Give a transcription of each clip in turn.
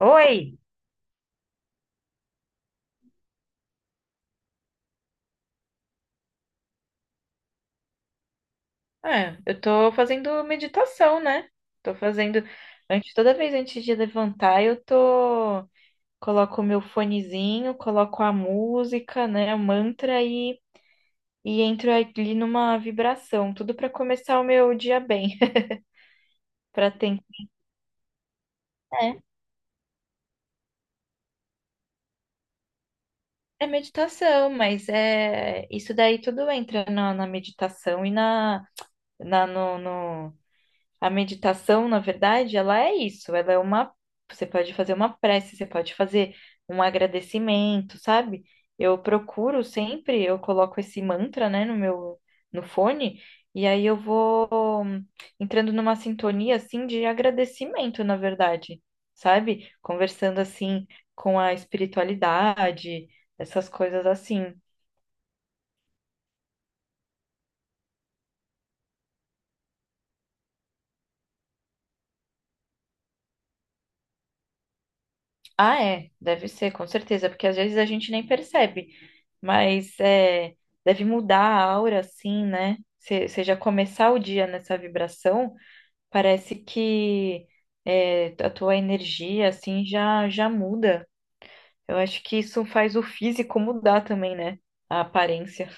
Oi! Eu tô fazendo meditação, né? Tô fazendo. Antes, toda vez antes de levantar, eu tô. Coloco o meu fonezinho, coloco a música, né? O mantra e entro ali numa vibração. Tudo pra começar o meu dia bem. Pra tentar. É, é meditação, mas é. Isso daí tudo entra na meditação e na, na, no, no- A meditação, na verdade, ela é isso, ela é uma, você pode fazer uma prece, você pode fazer um agradecimento, sabe? Eu procuro sempre, eu coloco esse mantra, né, no meu, no fone, e aí eu vou entrando numa sintonia, assim, de agradecimento, na verdade, sabe? Conversando, assim, com a espiritualidade, essas coisas assim. Ah, é, deve ser, com certeza, porque às vezes a gente nem percebe. Mas é, deve mudar a aura, assim, né? Se já começar o dia nessa vibração, parece que a tua energia, assim, já muda. Eu acho que isso faz o físico mudar também, né? A aparência.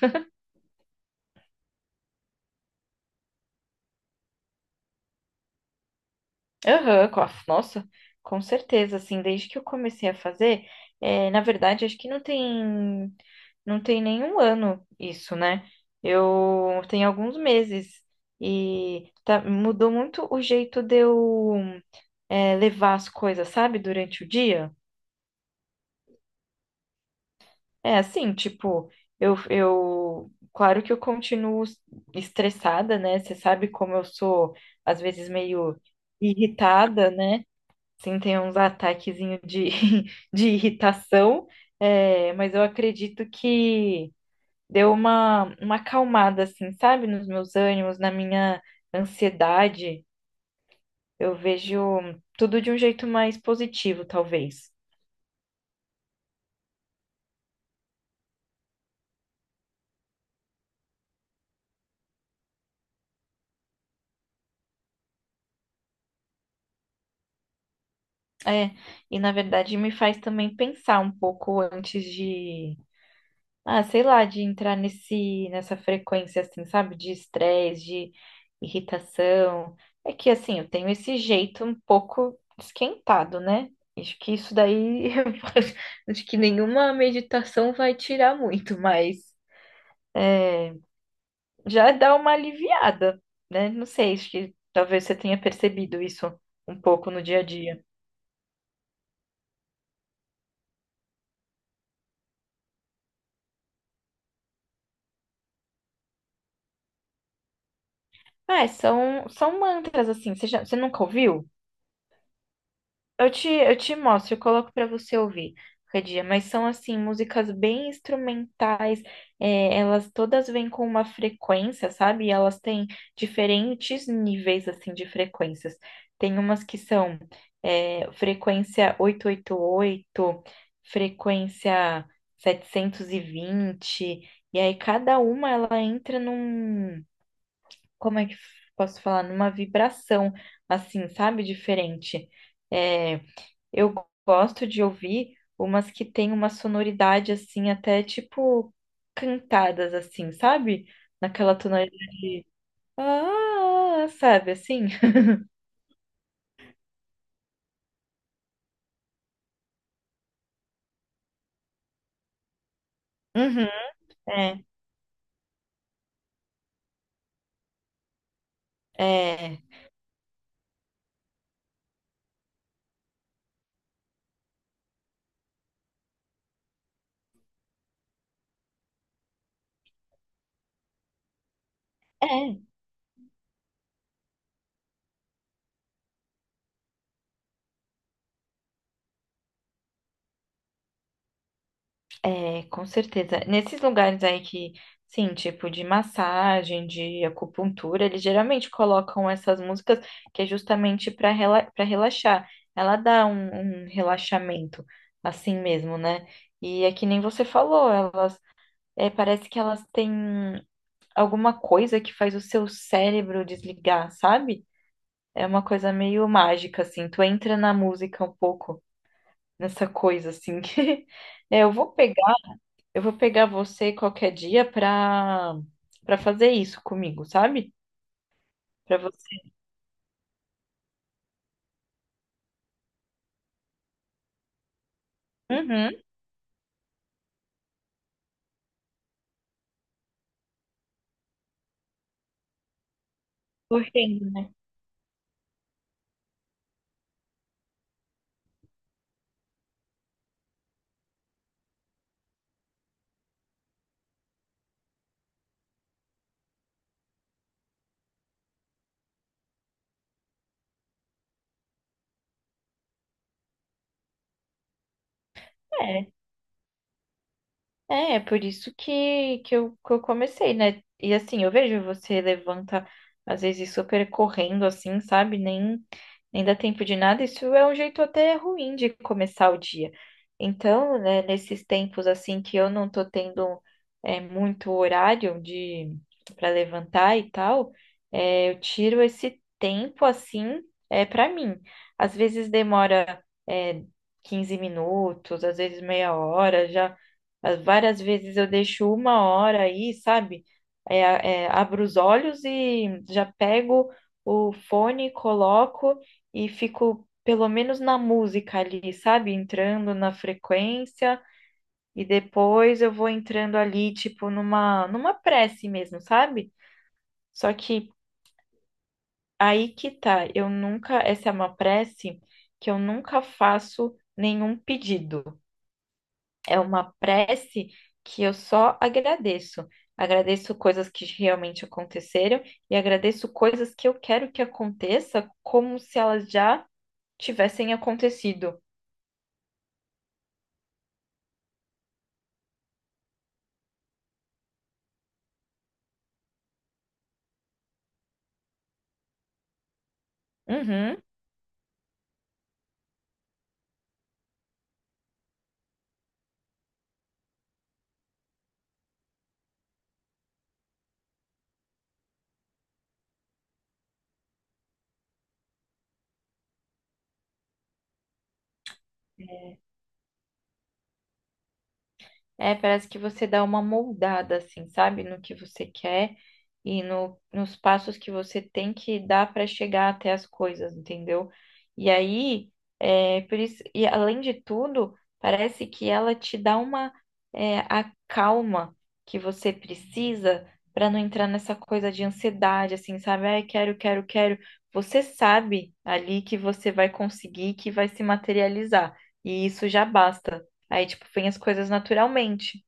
Aham, com nossa, com certeza, assim, desde que eu comecei a fazer, é, na verdade, acho que não tem, não tem nenhum ano isso, né? Eu tenho alguns meses e mudou muito o jeito de eu, levar as coisas, sabe, durante o dia. É assim, tipo, claro que eu continuo estressada, né? Você sabe como eu sou, às vezes, meio irritada, né? Sim, tem uns de irritação, mas eu acredito que deu uma acalmada, assim, sabe, nos meus ânimos, na minha ansiedade. Eu vejo tudo de um jeito mais positivo, talvez. É, e na verdade me faz também pensar um pouco antes de, ah, sei lá, de entrar nessa frequência, assim, sabe? De estresse, de irritação. É que, assim, eu tenho esse jeito um pouco esquentado, né? Acho que isso daí, eu acho que nenhuma meditação vai tirar muito, mas já dá uma aliviada, né? Não sei, acho que talvez você tenha percebido isso um pouco no dia a dia. Ah, é, são mantras, assim, você nunca ouviu? Eu te mostro, eu coloco pra você ouvir qualquer dia, mas são assim, músicas bem instrumentais, é, elas todas vêm com uma frequência, sabe? E elas têm diferentes níveis assim de frequências. Tem umas que são frequência 888, frequência 720, e vinte, e aí cada uma ela entra num, como é que posso falar? Numa vibração, assim, sabe? Diferente. É, eu gosto de ouvir umas que tem uma sonoridade assim, até tipo cantadas assim, sabe? Naquela tonalidade de ah, sabe assim? Uhum, é, é, é, é, com certeza. Nesses lugares aí que, sim, tipo de massagem, de acupuntura, eles geralmente colocam essas músicas que é justamente para rela para relaxar. Ela dá um relaxamento, assim mesmo, né? E é que nem você falou, elas é, parece que elas têm alguma coisa que faz o seu cérebro desligar, sabe? É uma coisa meio mágica, assim. Tu entra na música um pouco, nessa coisa, assim. É, eu vou pegar você qualquer dia pra fazer isso comigo, sabe? Pra você. Uhum. Correndo. É, é por isso que eu comecei, né? E assim, eu vejo você levanta, às vezes, super correndo, assim, sabe? Nem dá tempo de nada. Isso é um jeito até ruim de começar o dia. Então, né, nesses tempos, assim, que eu não tô tendo muito horário de para levantar e tal, é, eu tiro esse tempo, assim, é, para mim. Às vezes demora, é, 15 minutos, às vezes meia hora, já. Várias vezes eu deixo uma hora aí, sabe? É, abro os olhos e já pego o fone, coloco e fico pelo menos na música ali, sabe? Entrando na frequência e depois eu vou entrando ali, tipo, numa prece mesmo, sabe? Só que aí que tá, eu nunca, essa é uma prece que eu nunca faço nenhum pedido. É uma prece que eu só agradeço. Agradeço coisas que realmente aconteceram e agradeço coisas que eu quero que aconteça como se elas já tivessem acontecido. Uhum. É, parece que você dá uma moldada, assim, sabe, no que você quer. E no, nos passos que você tem que dar para chegar até as coisas, entendeu? E aí, é, por isso, e além de tudo, parece que ela te dá uma é, a calma que você precisa para não entrar nessa coisa de ansiedade, assim, sabe? Ai, quero. Você sabe ali que você vai conseguir, que vai se materializar. E isso já basta. Aí, tipo, vem as coisas naturalmente.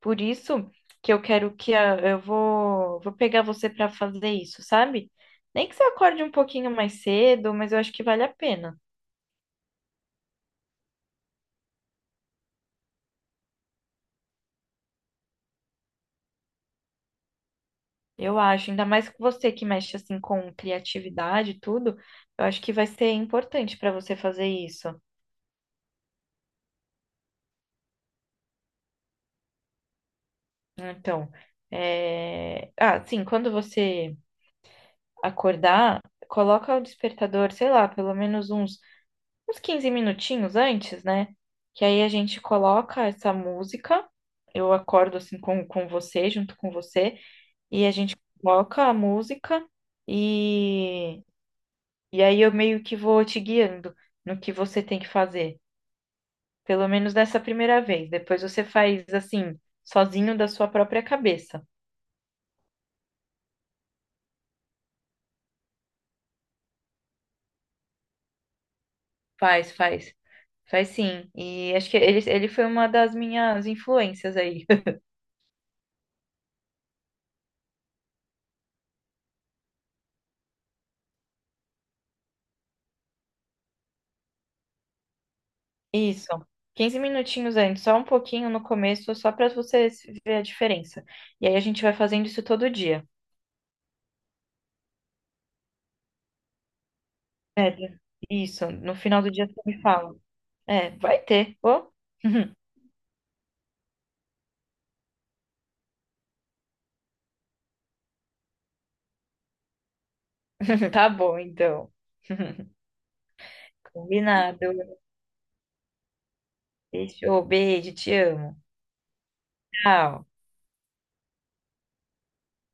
Por isso que eu quero que eu vou pegar você para fazer isso, sabe? Nem que você acorde um pouquinho mais cedo, mas eu acho que vale a pena. Eu acho, ainda mais com você que mexe assim com criatividade e tudo, eu acho que vai ser importante para você fazer isso. Então, é... ah, sim, quando você acordar, coloca o despertador, sei lá, pelo menos uns 15 minutinhos antes, né? Que aí a gente coloca essa música. Eu acordo assim com você, junto com você, e a gente coloca a música e, e aí eu meio que vou te guiando no que você tem que fazer. Pelo menos nessa primeira vez. Depois você faz assim, sozinho da sua própria cabeça. Faz, faz, faz sim. E acho que ele foi uma das minhas influências aí. Isso. 15 minutinhos antes, só um pouquinho no começo, só para você ver a diferença. E aí a gente vai fazendo isso todo dia. É, isso. No final do dia você me fala. É, vai ter. Ô? Tá bom, então. Combinado. Fechou. Beijo, te amo. Tchau.